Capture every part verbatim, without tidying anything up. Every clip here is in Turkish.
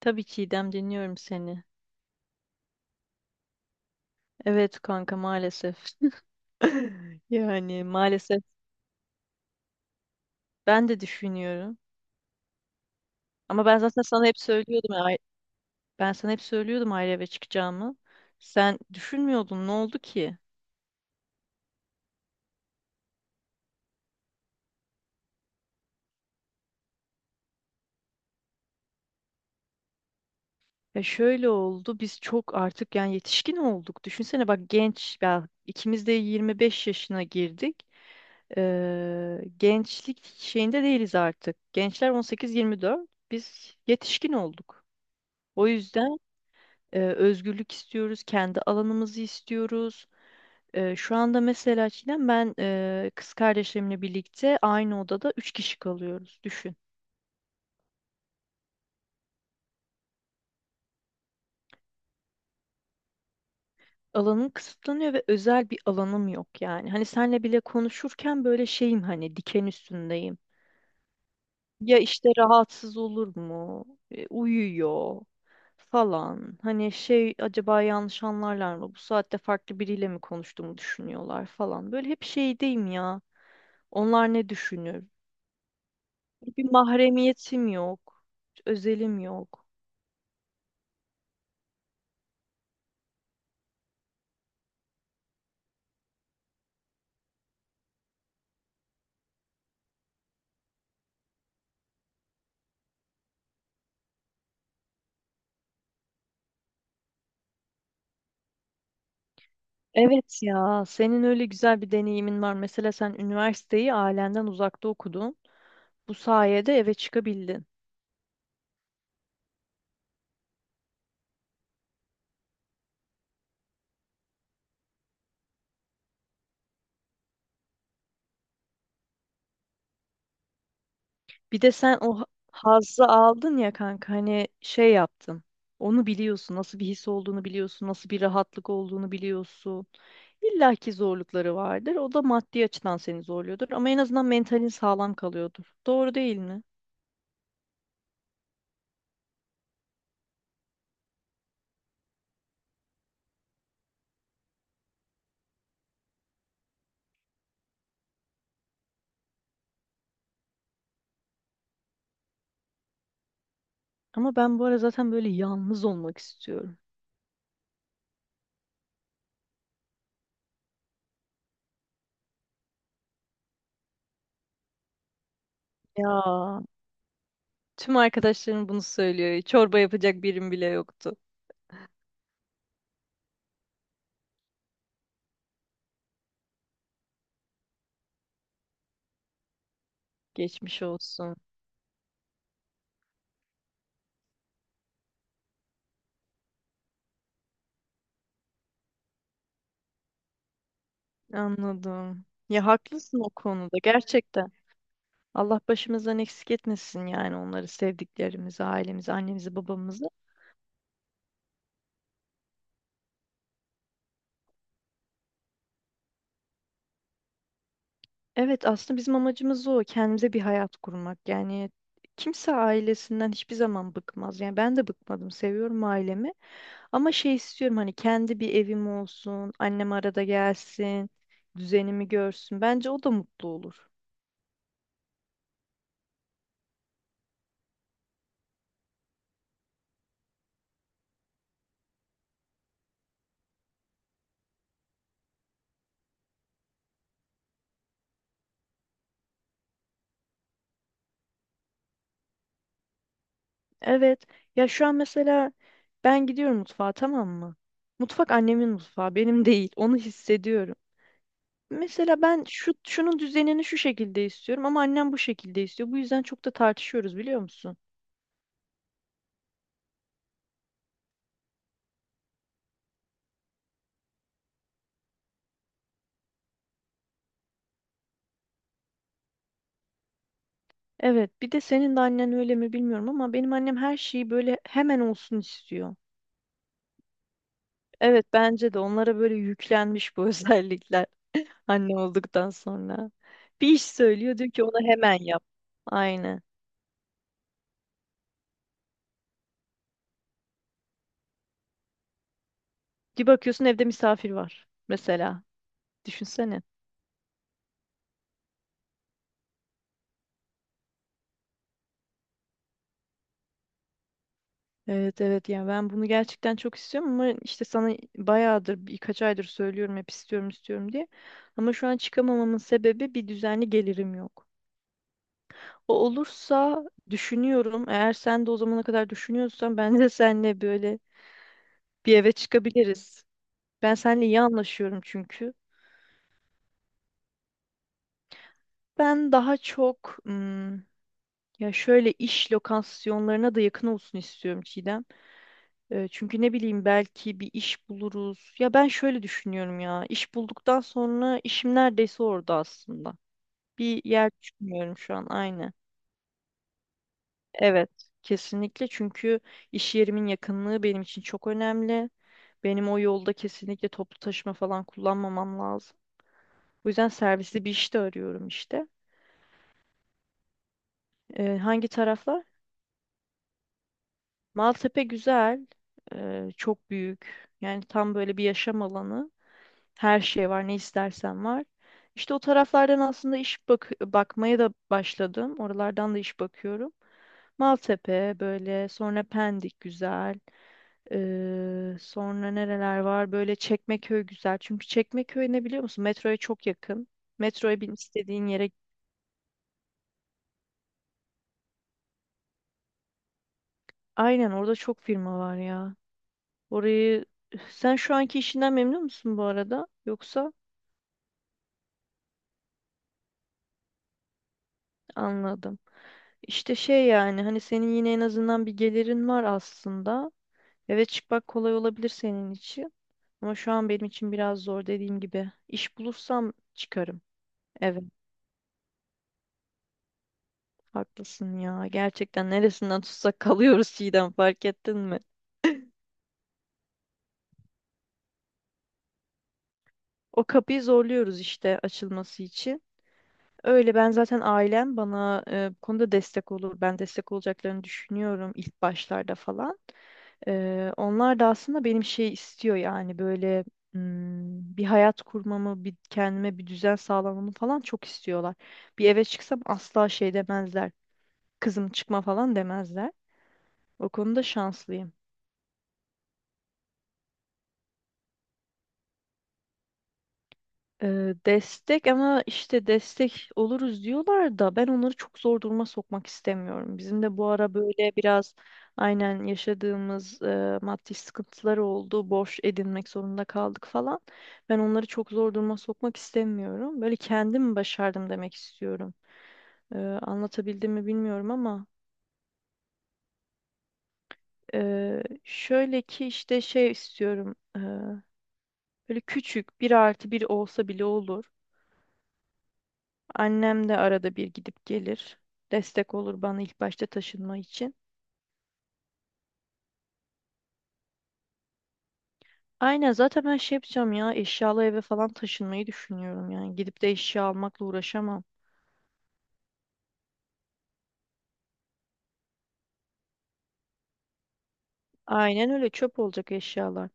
Tabii ki İdem, dinliyorum seni. Evet kanka, maalesef. Yani maalesef ben de düşünüyorum. Ama ben zaten sana hep söylüyordum. ya, ay- Ben sana hep söylüyordum ayrı eve çıkacağımı. Sen düşünmüyordun. Ne oldu ki? Ya şöyle oldu. Biz çok artık yani yetişkin olduk. Düşünsene bak genç ya, ikimiz de yirmi beş yaşına girdik. Ee, gençlik şeyinde değiliz artık. Gençler on sekiz yirmi dört. Biz yetişkin olduk. O yüzden Ee, özgürlük istiyoruz, kendi alanımızı istiyoruz. Ee, şu anda mesela Çiğdem ben e, kız kardeşlerimle birlikte aynı odada üç kişi kalıyoruz. Düşün. Alanım kısıtlanıyor ve özel bir alanım yok yani. Hani senle bile konuşurken böyle şeyim, hani diken üstündeyim. Ya işte rahatsız olur mu? E, uyuyor falan. Hani şey, acaba yanlış anlarlar mı? Bu saatte farklı biriyle mi konuştuğumu düşünüyorlar falan. Böyle hep şeydeyim ya. Onlar ne düşünür? Bir mahremiyetim yok. Özelim yok. Evet ya, senin öyle güzel bir deneyimin var. Mesela sen üniversiteyi ailenden uzakta okudun. Bu sayede eve çıkabildin. Bir de sen o ha- hazzı aldın ya kanka, hani şey yaptın. Onu biliyorsun, nasıl bir his olduğunu biliyorsun, nasıl bir rahatlık olduğunu biliyorsun. İlla ki zorlukları vardır. O da maddi açıdan seni zorluyordur ama en azından mentalin sağlam kalıyordur. Doğru değil mi? Ama ben bu ara zaten böyle yalnız olmak istiyorum. Ya, tüm arkadaşlarım bunu söylüyor. Çorba yapacak birim bile yoktu. Geçmiş olsun. Anladım. Ya haklısın o konuda gerçekten. Allah başımızdan eksik etmesin yani onları, sevdiklerimizi, ailemizi, annemizi, babamızı. Evet aslında bizim amacımız o. Kendimize bir hayat kurmak. Yani kimse ailesinden hiçbir zaman bıkmaz. Yani ben de bıkmadım. Seviyorum ailemi. Ama şey istiyorum, hani kendi bir evim olsun. Annem arada gelsin. Düzenimi görsün. Bence o da mutlu olur. Evet. Ya şu an mesela ben gidiyorum mutfağa, tamam mı? Mutfak annemin mutfağı, benim değil. Onu hissediyorum. Mesela ben şu şunun düzenini şu şekilde istiyorum ama annem bu şekilde istiyor. Bu yüzden çok da tartışıyoruz, biliyor musun? Evet, bir de senin de annen öyle mi bilmiyorum ama benim annem her şeyi böyle hemen olsun istiyor. Evet, bence de onlara böyle yüklenmiş bu özellikler anne olduktan sonra. Bir iş söylüyor, diyor ki onu hemen yap. Aynen. Bir bakıyorsun evde misafir var mesela. Düşünsene. Evet, evet, yani ben bunu gerçekten çok istiyorum ama işte sana bayağıdır birkaç aydır söylüyorum hep istiyorum istiyorum diye. Ama şu an çıkamamamın sebebi bir düzenli gelirim yok. O olursa düşünüyorum, eğer sen de o zamana kadar düşünüyorsan ben de seninle böyle bir eve çıkabiliriz. Ben seninle iyi anlaşıyorum çünkü. Ben daha çok ım, ya şöyle iş lokasyonlarına da yakın olsun istiyorum Çiğdem. Ee, çünkü ne bileyim, belki bir iş buluruz. Ya ben şöyle düşünüyorum ya. İş bulduktan sonra işim neredeyse orada aslında. Bir yer düşünmüyorum şu an aynı. Evet. Kesinlikle çünkü iş yerimin yakınlığı benim için çok önemli. Benim o yolda kesinlikle toplu taşıma falan kullanmamam lazım. Bu yüzden servisli bir iş de arıyorum işte. Ee, hangi taraflar? Maltepe güzel. Ee, çok büyük. Yani tam böyle bir yaşam alanı. Her şey var, ne istersen var. İşte o taraflardan aslında iş bak bakmaya da başladım. Oralardan da iş bakıyorum. Maltepe böyle, sonra Pendik güzel. Ee, sonra nereler var? Böyle Çekmeköy güzel. Çünkü Çekmeköy ne, biliyor musun? Metroya çok yakın. Metroya bin, istediğin yere. Aynen, orada çok firma var ya. Orayı sen şu anki işinden memnun musun bu arada? Yoksa anladım. İşte şey yani, hani senin yine en azından bir gelirin var aslında. Evet, çıkmak kolay olabilir senin için. Ama şu an benim için biraz zor dediğim gibi. İş bulursam çıkarım. Evet, haklısın ya. Gerçekten neresinden tutsak kalıyoruz Çiğdem, fark ettin mi? O kapıyı zorluyoruz işte, açılması için. Öyle, ben zaten ailem bana e, bu konuda destek olur. Ben destek olacaklarını düşünüyorum ilk başlarda falan. Ee, onlar da aslında benim şey istiyor yani, böyle hmm, bir hayat kurmamı, bir kendime bir düzen sağlamamı falan çok istiyorlar. Bir eve çıksam asla şey demezler. Kızım çıkma falan demezler. O konuda şanslıyım. Ee, destek, ama işte destek oluruz diyorlar da ben onları çok zor duruma sokmak istemiyorum. Bizim de bu ara böyle biraz aynen yaşadığımız e, maddi sıkıntılar oldu. Borç edinmek zorunda kaldık falan. Ben onları çok zor duruma sokmak istemiyorum. Böyle kendim başardım demek istiyorum. Ee, anlatabildim mi bilmiyorum ama e, şöyle ki işte şey istiyorum. e, böyle küçük bir artı bir olsa bile olur. Annem de arada bir gidip gelir. Destek olur bana ilk başta taşınma için. Aynen, zaten ben şey yapacağım ya, eşyalı eve falan taşınmayı düşünüyorum yani. Gidip de eşya almakla uğraşamam. Aynen öyle, çöp olacak eşyalar.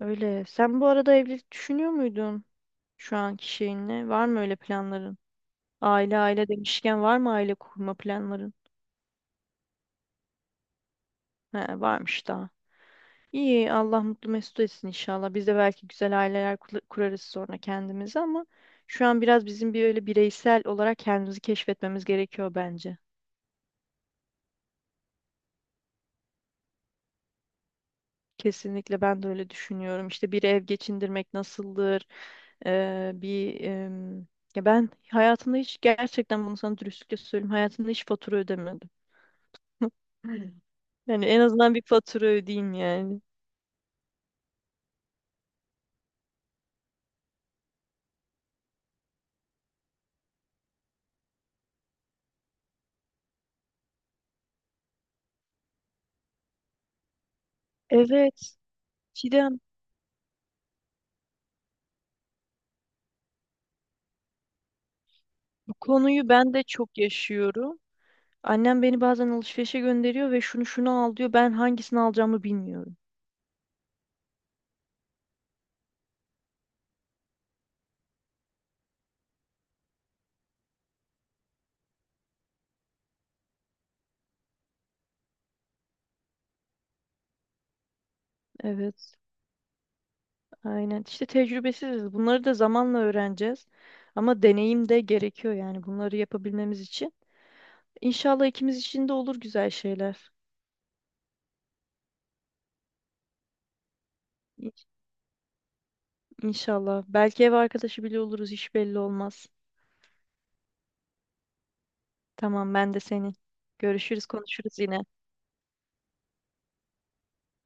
Öyle. Sen bu arada evlilik düşünüyor muydun şu anki şeyinle? Var mı öyle planların? Aile aile demişken var mı aile kurma planların? He, varmış daha. İyi, Allah mutlu mesut etsin inşallah. Biz de belki güzel aileler kula- kurarız sonra kendimize ama şu an biraz bizim bir öyle bireysel olarak kendimizi keşfetmemiz gerekiyor bence. Kesinlikle, ben de öyle düşünüyorum. İşte bir ev geçindirmek nasıldır? Ee, bir em, ya ben hayatımda hiç, gerçekten bunu sana dürüstlükle söyleyeyim. Hayatımda hiç fatura ödemedim. Yani en azından bir fatura ödeyeyim yani. Evet. Çiğdem, bu konuyu ben de çok yaşıyorum. Annem beni bazen alışverişe gönderiyor ve şunu şunu al diyor. Ben hangisini alacağımı bilmiyorum. Evet, aynen. İşte tecrübesiziz. Bunları da zamanla öğreneceğiz. Ama deneyim de gerekiyor yani bunları yapabilmemiz için. İnşallah ikimiz için de olur güzel şeyler. İ- İnşallah. Belki ev arkadaşı bile oluruz. Hiç belli olmaz. Tamam, ben de senin. Görüşürüz, konuşuruz yine.